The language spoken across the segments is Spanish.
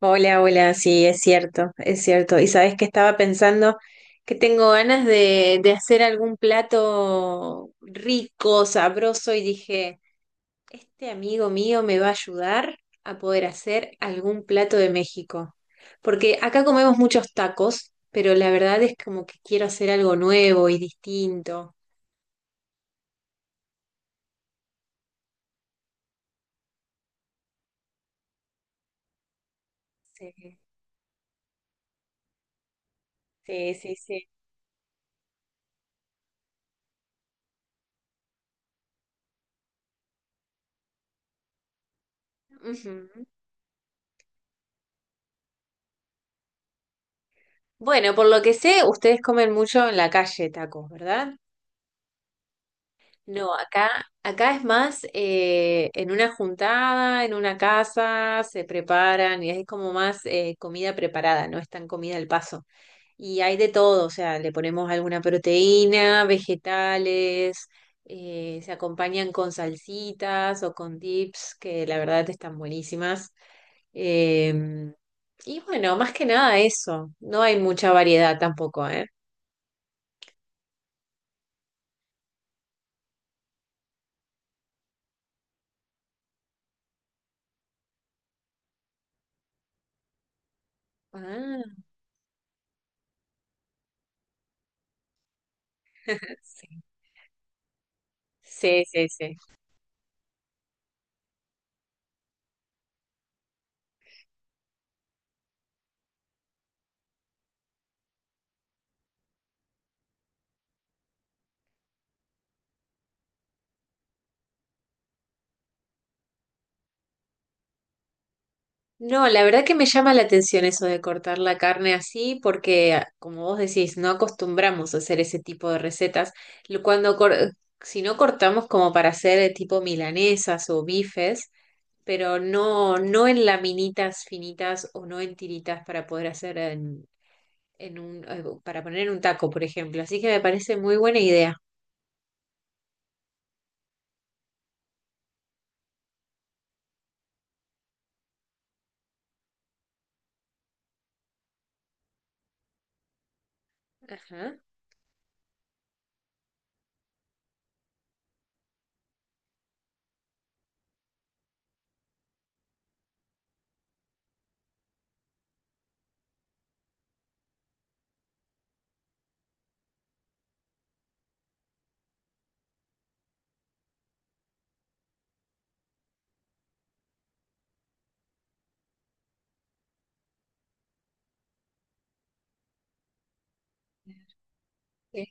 Hola, hola, sí, es cierto, es cierto. Y sabes que estaba pensando que tengo ganas de hacer algún plato rico, sabroso, y dije, este amigo mío me va a ayudar a poder hacer algún plato de México. Porque acá comemos muchos tacos, pero la verdad es como que quiero hacer algo nuevo y distinto. Sí, sí, sí, sí. Ujú. Bueno, por lo que sé, ustedes comen mucho en la calle tacos, ¿verdad? No, acá, acá es más en una juntada, en una casa, se preparan y es como más comida preparada, no es tan comida al paso. Y hay de todo, o sea, le ponemos alguna proteína, vegetales, se acompañan con salsitas o con dips, que la verdad están buenísimas. Em, y bueno, más que nada eso, no hay mucha variedad tampoco, ¿eh? Ah, sí. Sí, sí, sí. No, la verdad que me llama la atención eso de cortar la carne así, porque ah, como vos decís, no acostumbramos a hacer ese tipo de recetas. Lo- Cuando cor- si no cortamos como para hacer tipo milanesas o bifes, pero no, no en laminitas finitas o no en tiritas para poder hacer para poner en un taco, por ejemplo. Así que me parece muy buena idea. Ajá. Sí.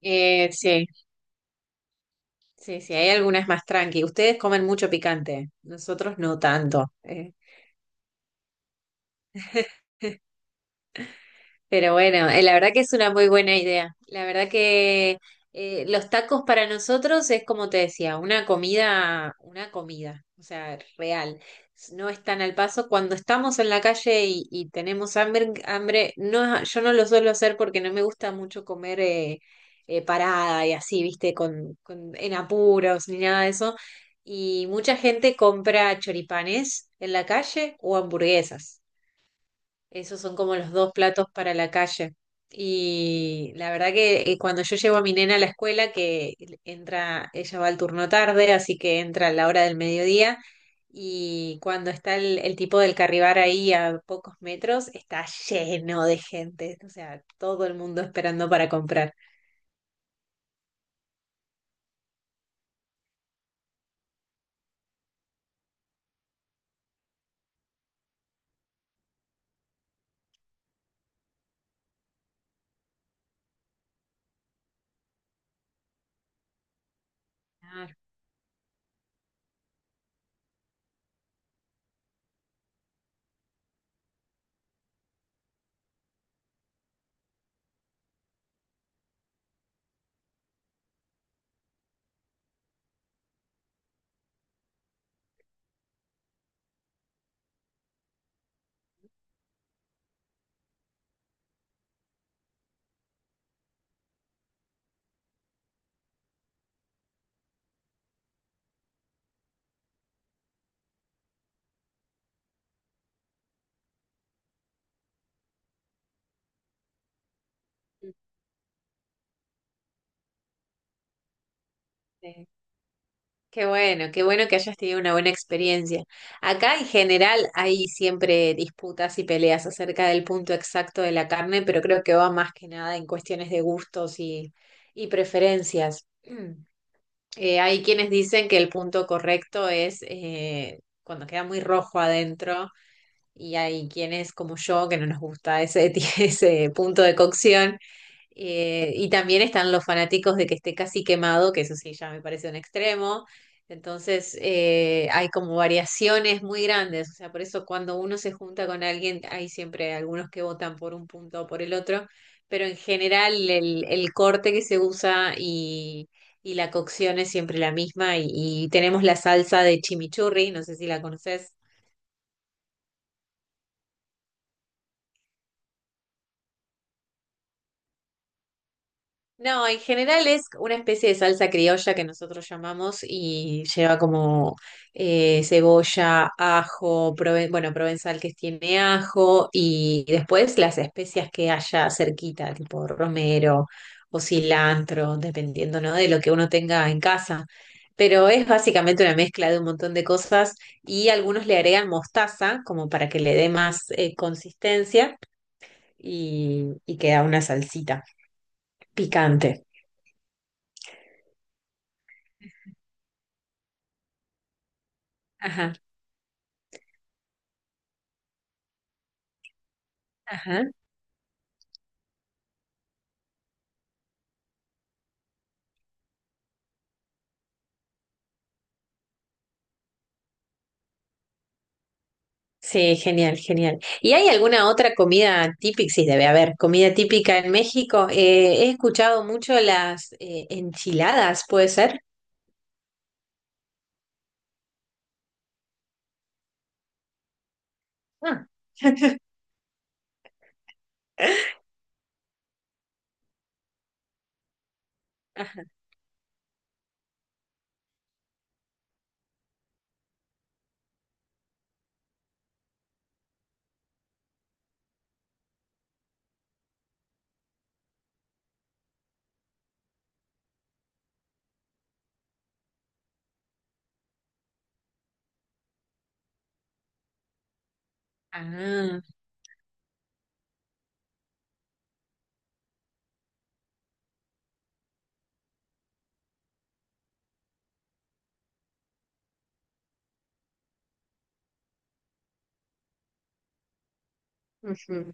Sí, sí, sí, hay algunas más tranqui. Ustedes comen mucho picante, nosotros no tanto. Pero bueno, la verdad que es una muy buena idea. La verdad que los tacos para nosotros es como te decía, una comida, o sea, real. No es tan al paso. Cuando estamos en la calle y tenemos hambre, no, yo no lo suelo hacer porque no me gusta mucho comer parada y así, viste, en apuros ni nada de eso. Y mucha gente compra choripanes en la calle o hamburguesas. Esos son como los dos platos para la calle. Y la verdad que cuando yo llevo a mi nena a la escuela, que entra, ella va al turno tarde, así que entra a la hora del mediodía, y cuando está el tipo del Carribar ahí a pocos metros, está lleno de gente, o sea, todo el mundo esperando para comprar. Claro. Qué bueno que hayas tenido una buena experiencia. Acá en general hay siempre disputas y peleas acerca del punto exacto de la carne, pero creo que va más que nada en cuestiones de gustos y preferencias. Mm. Hay quienes dicen que el punto correcto es cuando queda muy rojo adentro y hay quienes como yo que no nos gusta ese, ese punto de cocción. Y también están los fanáticos de que esté casi quemado, que eso sí ya me parece un extremo. Entonces, hay como variaciones muy grandes. O sea, por eso cuando uno se junta con alguien, hay siempre algunos que votan por un punto o por el otro. Pero en general, el corte que se usa y la cocción es siempre la misma. Y tenemos la salsa de chimichurri, no sé si la conoces. No, en general es una especie de salsa criolla que nosotros llamamos y lleva como cebolla, ajo, bueno, provenzal que tiene ajo y después las especias que haya cerquita, tipo romero o cilantro, dependiendo, ¿no?, de lo que uno tenga en casa. Pero es básicamente una mezcla de un montón de cosas y algunos le agregan mostaza como para que le dé más consistencia y queda una salsita picante. Ajá. Ajá. Sí, genial, genial. ¿Y hay alguna otra comida típica? Sí, debe haber comida típica en México. He escuchado mucho las enchiladas, ¿puede ser? Ah. Ajá. Ah, ujú.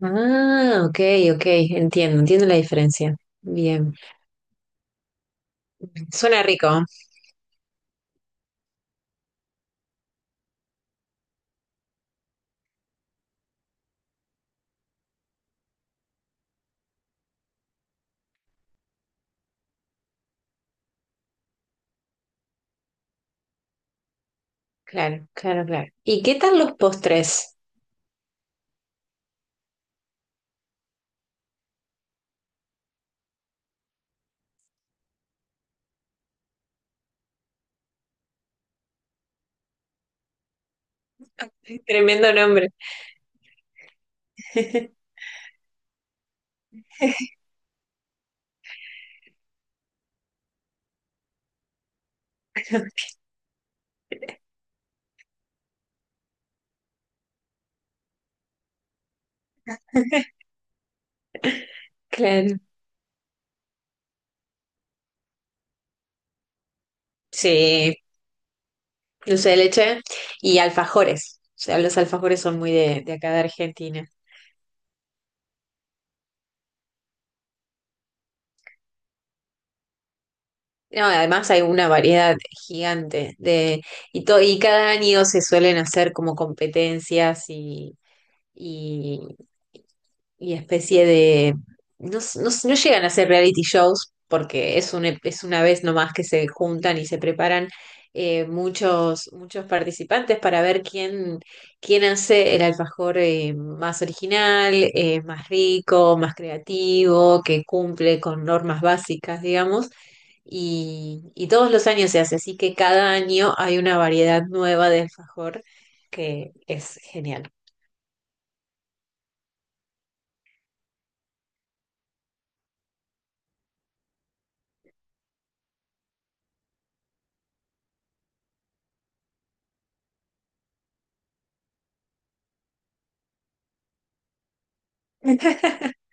Ah, ok, ok, entiendo, entiendo la diferencia. Bien. Suena rico. ¿Eh? Claro, claro, claro. ¿Y qué tal los postres? Tremendo nombre. Claro. Sí, dulce de leche y alfajores. O sea, los alfajores son muy de acá de Argentina. No, además hay una variedad gigante y, y cada año se suelen hacer como competencias y, y especie de... No llegan a ser reality shows porque es, es una vez nomás que se juntan y se preparan muchos participantes para ver quién, quién hace el alfajor más original, más rico, más creativo, que cumple con normas básicas, digamos. Y todos los años se hace, así que cada año hay una variedad nueva de alfajor que es genial.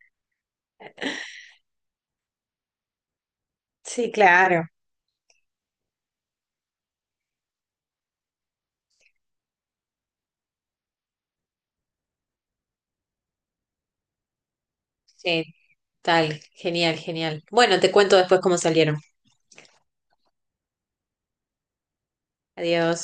Sí, claro. Sí, tal, genial, genial. Bueno, te cuento después cómo salieron. Adiós.